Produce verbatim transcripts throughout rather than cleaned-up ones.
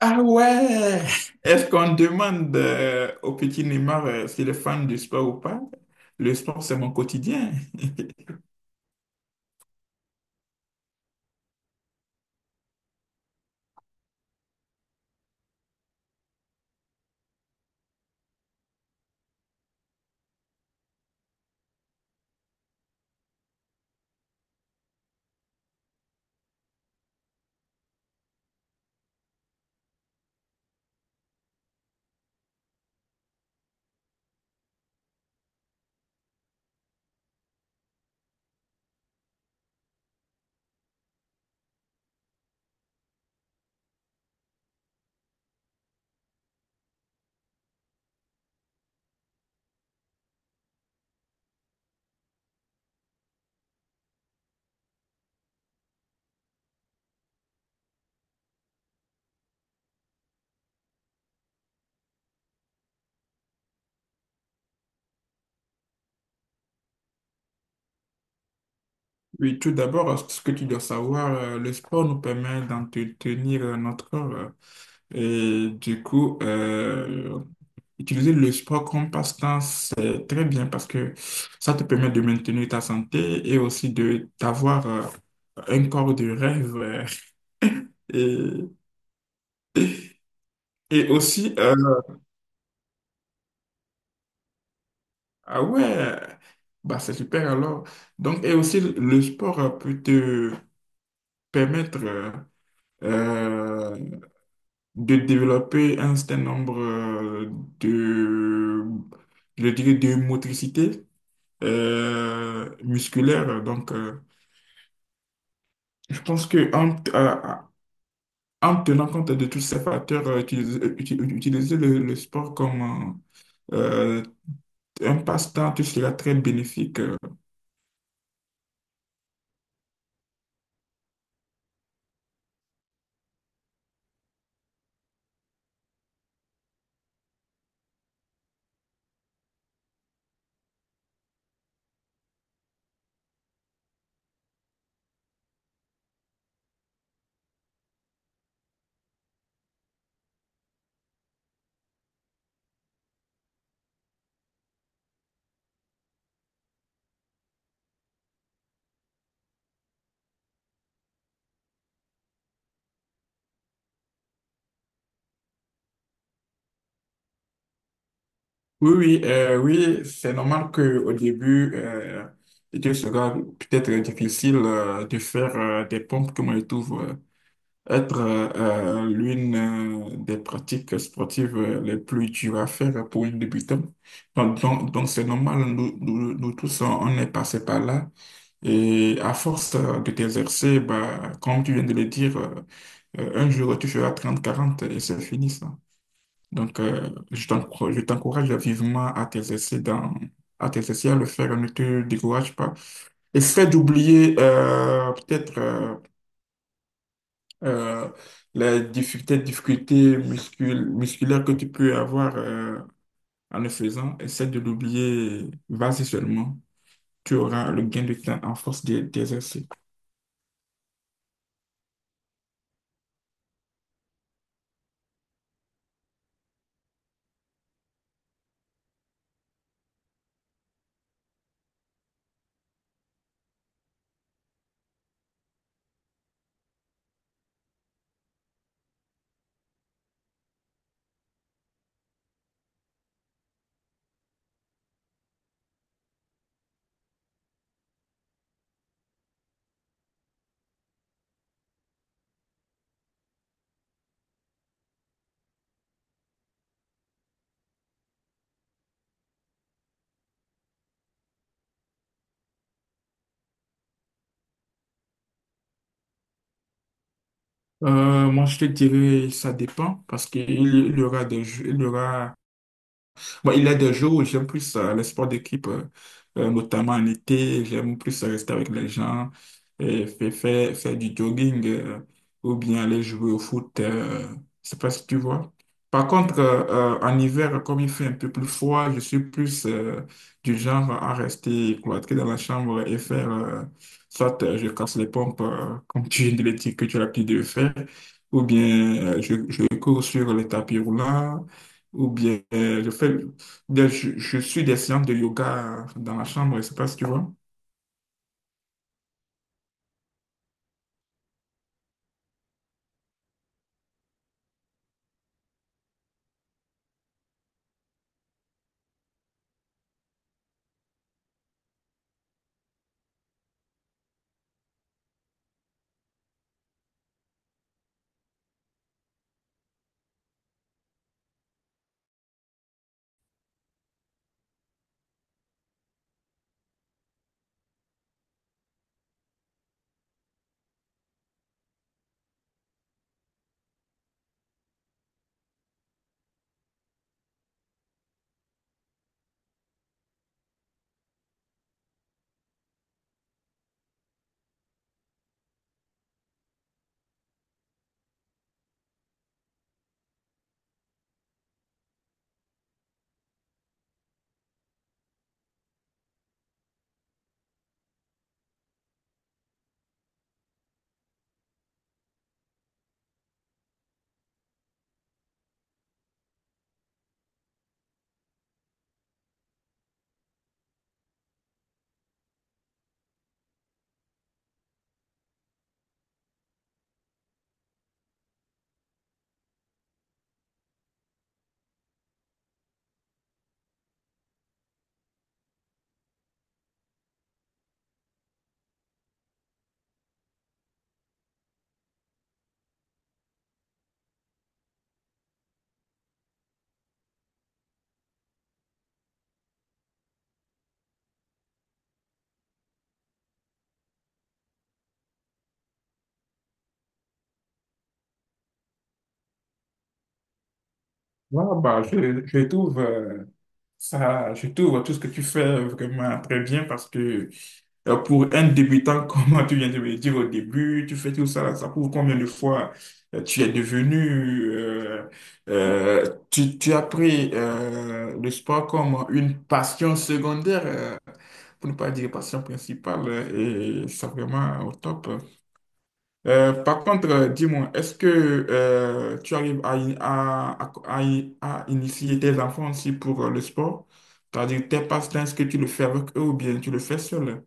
Ah ouais! Est-ce qu'on demande euh, au petit Neymar euh, s'il est fan du sport ou pas? Le sport, c'est mon quotidien. Oui, tout d'abord, euh, ce que tu dois savoir, euh, le sport nous permet d'entretenir euh, notre corps. Euh, Et du coup, euh, utiliser le sport comme passe-temps, c'est très bien parce que ça te permet de maintenir ta santé et aussi de d'avoir euh, un corps de rêve. Euh, Et, et aussi, euh, ah ouais, bah c'est super alors. Donc, et aussi, le sport euh, peut te permettre euh, euh, de développer un certain nombre euh, de, je dirais, de motricité euh, musculaire. Donc, euh, je pense que en, t- euh, en tenant compte de tous ces facteurs, euh, utiliser, euh, uti- utiliser le, le sport comme euh, euh, un passe-temps, tout sera très bénéfique. Euh, Oui, oui, euh, oui, c'est normal que au début, euh, il sera peut-être difficile euh, de faire euh, des pompes, comme je trouve euh, être euh, euh, l'une euh, des pratiques sportives euh, les plus dures à faire pour un débutant. Donc, donc, donc c'est normal, nous, nous, nous tous, on on est passé par là. Et à force euh, de t'exercer, bah, comme tu viens de le dire, euh, euh, un jour tu feras trente quarante et c'est fini ça. Donc, euh, je t'encour- je t'encourage vivement à t'exercer dans, à t'exercer à le faire, ne te décourage pas. Essaie d'oublier euh, peut-être euh, euh, les difficultés, difficultés muscul- musculaires que tu peux avoir euh, en le faisant. Essaie de l'oublier. Vas-y seulement. Tu auras le gain de temps en force d'e- d'exercer. Euh, moi, je te dirais, ça dépend parce qu'il y il y aura des, jeux- il y aura bon, il y a des jours où j'aime plus euh, les sports d'équipe, euh, euh, notamment en été. J'aime plus rester avec les gens et faire, faire, faire du jogging euh, ou bien aller jouer au foot. Euh, je sais pas si tu vois. Par contre, euh, euh, en hiver, comme il fait un peu plus froid, je suis plus euh, du genre à rester cloîtré dans la chambre et faire, euh, soit euh, je casse les pompes, euh, comme tu viens de le dire que tu as l'habitude de faire, ou bien euh, je, je cours sur les tapis roulants ou bien euh, je fais Dès- Je, je suis des séances de yoga dans la chambre, je sais pas si tu vois. Ouais, bah, je, je trouve euh, ça, je trouve tout ce que tu fais vraiment très bien parce que euh, pour un débutant, comme tu viens de me le dire au début, tu fais tout ça, ça prouve combien de fois euh, tu es devenu, euh, euh, tu, tu as pris euh, le sport comme une passion secondaire, euh, pour ne pas dire passion principale, et c'est vraiment au top. Euh, par contre, euh, dis-moi, est-ce que euh, tu arrives à, in- à, à, à in- à initier tes enfants aussi pour euh, le sport? C'est-à-dire tes passe-temps, est-ce que tu le fais avec eux ou bien tu le fais seul?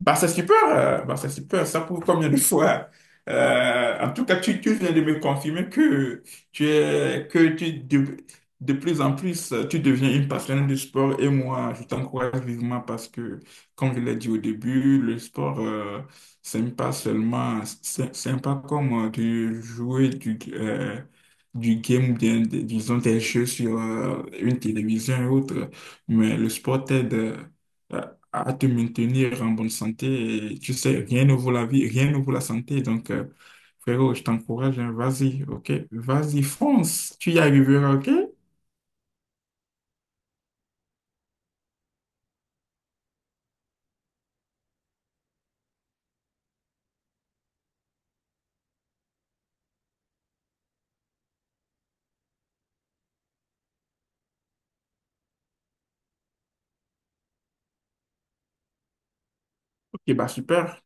Bah, c'est super, euh, bah, c'est super. Ça prouve combien de fois. Euh, en tout cas, tu, tu viens de me confirmer que tu es, que tu de, de plus en plus, euh, tu deviens une passionnée du sport. Et moi, je t'encourage vivement parce que, comme je l'ai dit au début, le sport, euh, c'est pas seulement, c'est c'est pas comme euh, de jouer du, euh, du game, ou bien, des- disons, des jeux sur euh, une télévision et autres. Mais le sport t'aide euh, à te maintenir en bonne santé. Et tu sais, rien ne vaut la vie, rien ne vaut la santé. Donc, euh, frérot, je t'encourage, hein, vas-y, ok? Vas-y, fonce, tu y arriveras, ok? Ok, bah super.